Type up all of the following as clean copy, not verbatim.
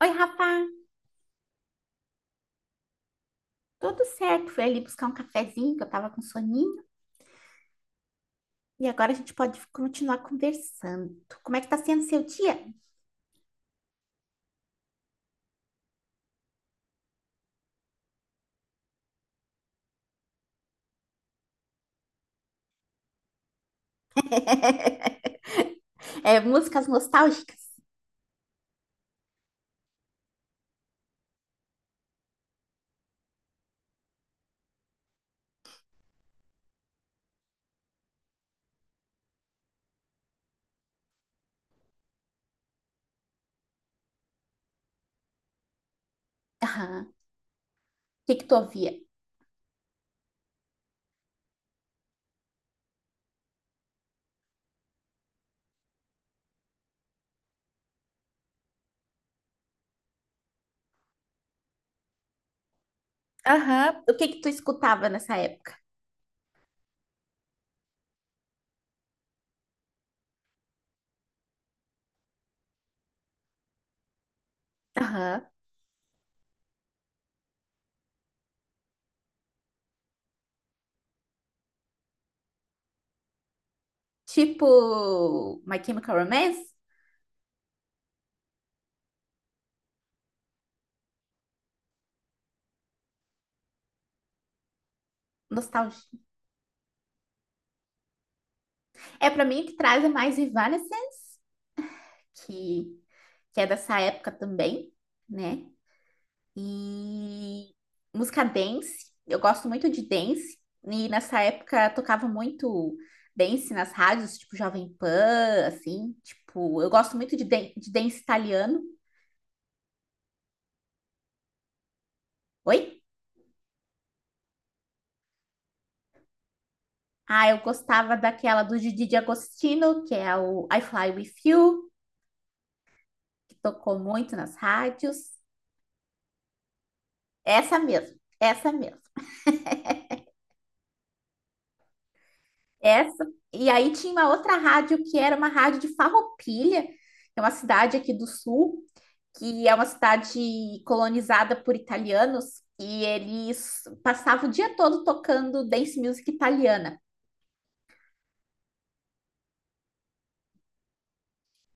Oi, Rafa, tudo certo? Fui ali buscar um cafezinho, que eu tava com soninho, e agora a gente pode continuar conversando. Como é que tá sendo seu dia? É, músicas nostálgicas? Aham. O que que tu ouvia? Aham. O que que tu escutava nessa época? Aham. Tipo My Chemical Romance? Nostalgia. É, pra mim, o que traz é mais Evanescence, que, que é dessa época também, né? E música dance, eu gosto muito de dance. E nessa época tocava muito dance nas rádios, tipo Jovem Pan, assim. Tipo, eu gosto muito de dance italiano. Oi? Ah, eu gostava daquela do Didi de Agostino, que é o I Fly With You, que tocou muito nas rádios. Essa mesmo, essa mesmo. Essa. E aí tinha uma outra rádio que era uma rádio de Farroupilha, que é uma cidade aqui do sul, que é uma cidade colonizada por italianos, e eles passavam o dia todo tocando dance music italiana.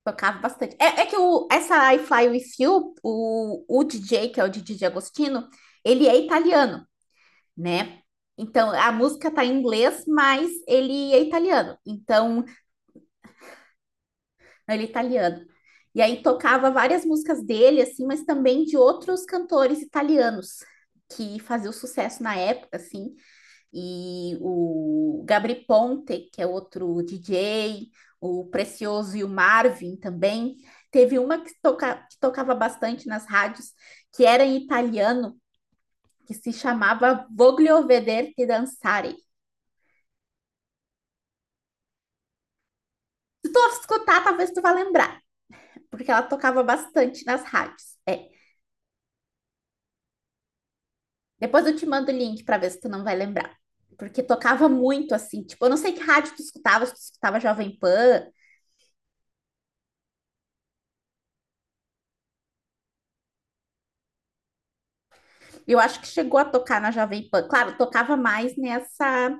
Tocava bastante. É, é que essa I Fly With You, o DJ, que é o DJ Agostino, ele é italiano, né? Então, a música tá em inglês, mas ele é italiano. Então, ele é italiano. E aí tocava várias músicas dele, assim, mas também de outros cantores italianos que faziam sucesso na época, assim, e o Gabri Ponte, que é outro DJ, o Precioso e o Marvin também. Teve uma que, toca, que tocava bastante nas rádios, que era em italiano, que se chamava Voglio Vederti Danzare. Se tu escutar, talvez tu vá lembrar, porque ela tocava bastante nas rádios. É. Depois eu te mando o link para ver se tu não vai lembrar. Porque tocava muito assim, tipo, eu não sei que rádio tu escutava, se tu escutava Jovem Pan. Eu acho que chegou a tocar na Jovem Pan. Claro, tocava mais nessa,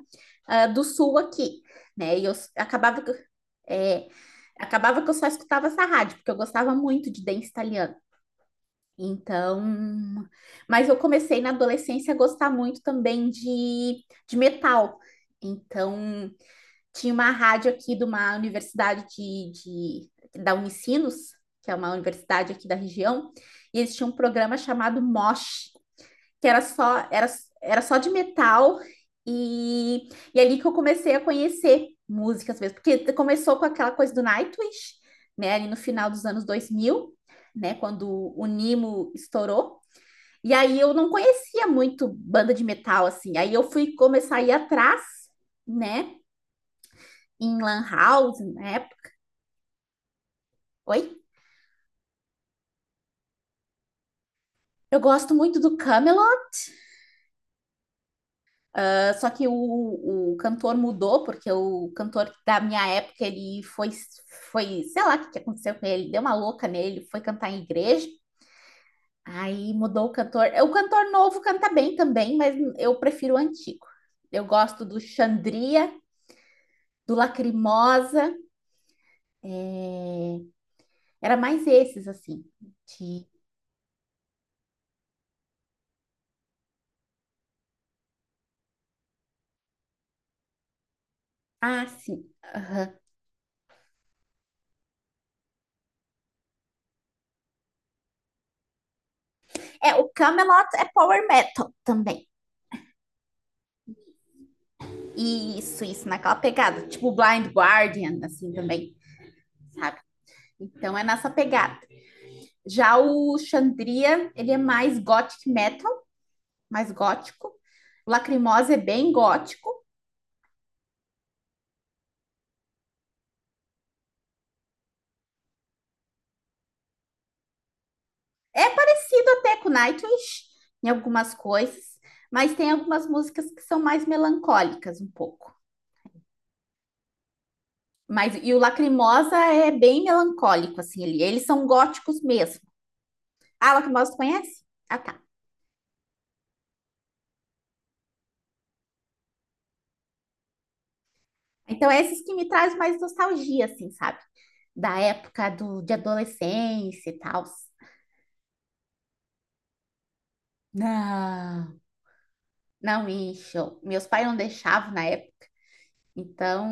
do sul aqui, né? E eu acabava que é, acabava que eu só escutava essa rádio, porque eu gostava muito de dance italiano. Então, mas eu comecei na adolescência a gostar muito também de metal. Então, tinha uma rádio aqui de uma universidade da Unicinos, que é uma universidade aqui da região, e eles tinham um programa chamado Mosh, que era só de metal e, e ali que eu comecei a conhecer músicas mesmo, porque começou com aquela coisa do Nightwish, né, ali no final dos anos 2000, né, quando o Nimo estourou. E aí eu não conhecia muito banda de metal assim. Aí eu fui começar a ir atrás, né, em Lan House, né? Oi. Eu gosto muito do Camelot. Só que o cantor mudou, porque o cantor da minha época, ele foi, sei lá o que que aconteceu com ele, deu uma louca nele, foi cantar em igreja, aí mudou o cantor. O cantor novo canta bem também, mas eu prefiro o antigo. Eu gosto do Xandria, do Lacrimosa, é, era mais esses, assim, de... Ah, sim, aham. É, o Camelot é power metal também. Isso, naquela pegada, tipo Blind Guardian, assim, também. Então é nessa pegada. Já o Xandria, ele é mais gothic metal, mais gótico. O Lacrimosa é bem gótico. É parecido até com Nightwish em algumas coisas, mas tem algumas músicas que são mais melancólicas um pouco. Mas e o Lacrimosa é bem melancólico assim, ele, eles são góticos mesmo. Ah, o Lacrimosa tu conhece? Ah, tá. Então é esses que me traz mais nostalgia assim, sabe? Da época do, de adolescência e tal. Ah, não, isso. Meus pais não deixavam na época. Então.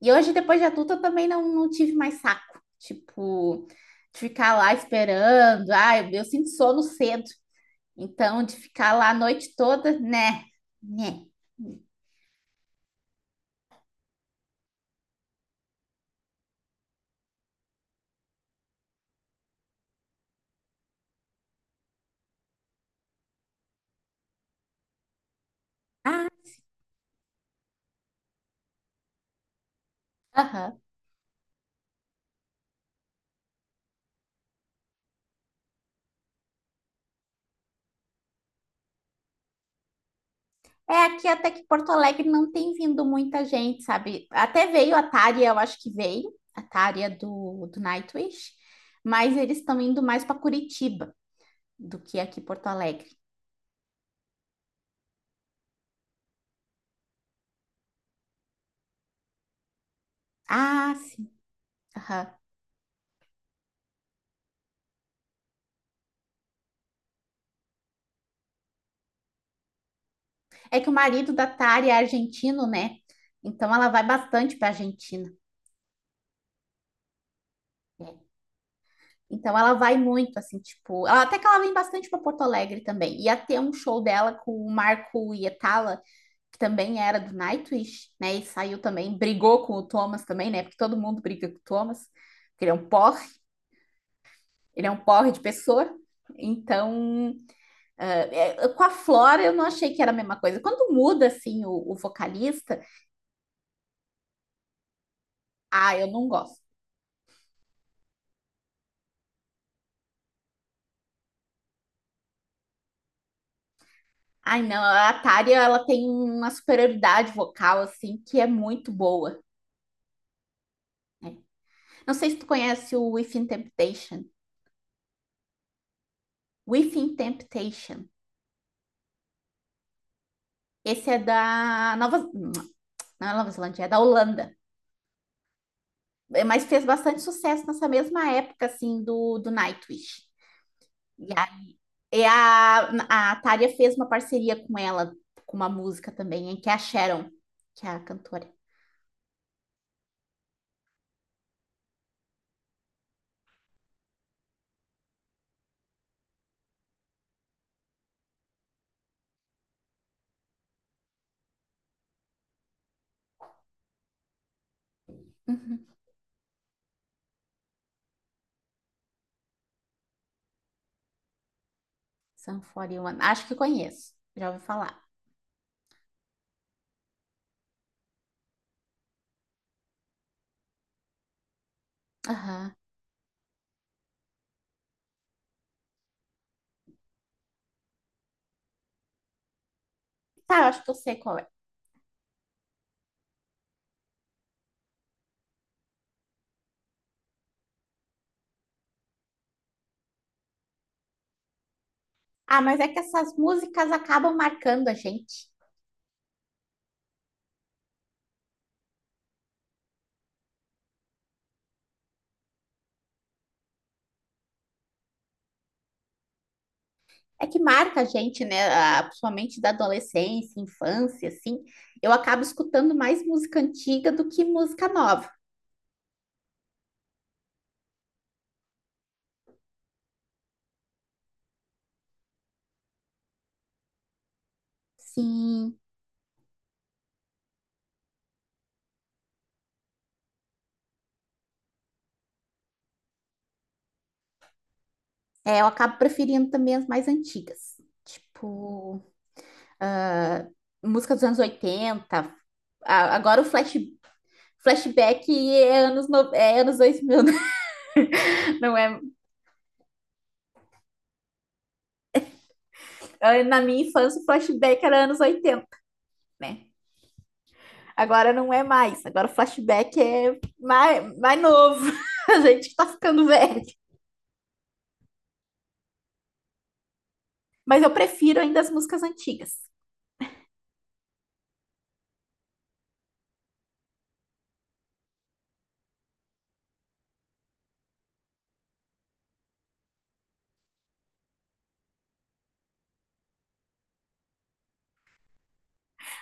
E hoje, depois de adulta, eu também não tive mais saco. Tipo, de ficar lá esperando. Ah, eu sinto sono cedo. Então, de ficar lá a noite toda, né? Né? Ah, aham. É, aqui até que Porto Alegre não tem vindo muita gente, sabe? Até veio a Tária, eu acho que veio, a Tária do Nightwish, mas eles estão indo mais para Curitiba do que aqui Porto Alegre. Ah, sim. É que o marido da Tari é argentino, né? Então ela vai bastante para Argentina, né? Então ela vai muito, assim, tipo, até que ela vem bastante para Porto Alegre também. Ia ter um show dela com o Marco Hietala, que também era do Nightwish, né? E saiu também, brigou com o Thomas também, né? Porque todo mundo briga com o Thomas, porque ele é um porre, ele é um porre de pessoa. Então, com a Flora eu não achei que era a mesma coisa. Quando muda assim o vocalista, ah, eu não gosto. Ai, não, a Tária, ela tem uma superioridade vocal, assim, que é muito boa, né? Não sei se tu conhece o Within Temptation. Within Temptation. Esse é da Nova... Não é Nova Zelândia, é da Holanda. É, mas fez bastante sucesso nessa mesma época, assim, do Nightwish. E a Tária fez uma parceria com ela, com uma música também, em que é a Sharon, que é a cantora. Uhum. Sun 41. Acho que conheço. Já ouvi falar. Aham. Tá, eu acho que eu sei qual é. Ah, mas é que essas músicas acabam marcando a gente. É que marca a gente, né? Ah, principalmente da adolescência, infância, assim. Eu acabo escutando mais música antiga do que música nova. Sim, é, eu acabo preferindo também as mais antigas. Tipo, ah, música dos anos 80. Ah, agora o flashback é anos, no- é anos 2000, né? não é? Ah, na minha infância, o flashback era anos 80, né? Agora não é mais. Agora o flashback é mais, mais novo. A gente tá ficando velho. Mas eu prefiro ainda as músicas antigas.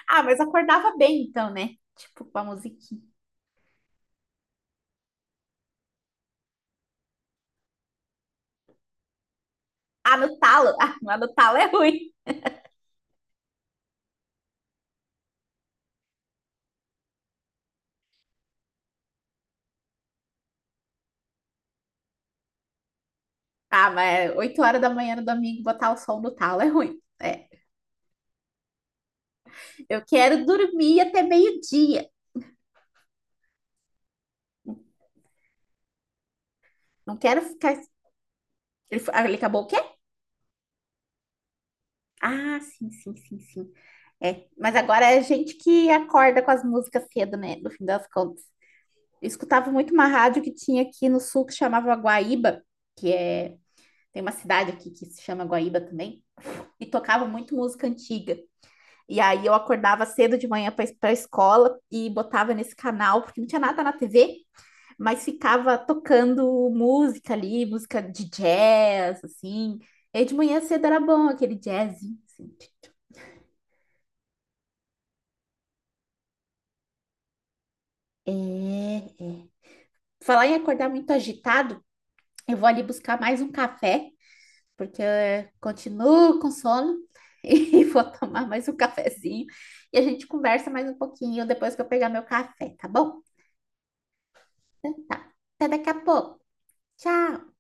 Ah, mas acordava bem então, né? Tipo, com a musiquinha. Ah, no talo. Ah, mas no talo é ruim. Ah, mas é 8 horas da manhã no domingo botar o som no talo é ruim. É. Eu quero dormir até meio-dia. Não quero ficar. Ele, ah, ele acabou o quê? Ah, sim, sim, sim, sim. É. Mas agora é gente que acorda com as músicas cedo, né? No fim das contas. Escutava muito uma rádio que tinha aqui no sul que chamava Guaíba, que é, tem uma cidade aqui que se chama Guaíba também, e tocava muito música antiga. E aí eu acordava cedo de manhã para para escola e botava nesse canal, porque não tinha nada na TV, mas ficava tocando música ali, música de jazz, assim. E aí de manhã cedo era bom aquele jazz. Assim. É, é. Falar em acordar muito agitado, eu vou ali buscar mais um café porque eu continuo com sono e vou tomar mais um cafezinho e a gente conversa mais um pouquinho depois que eu pegar meu café, tá bom? Então. Tá. Até daqui a pouco. Tchau!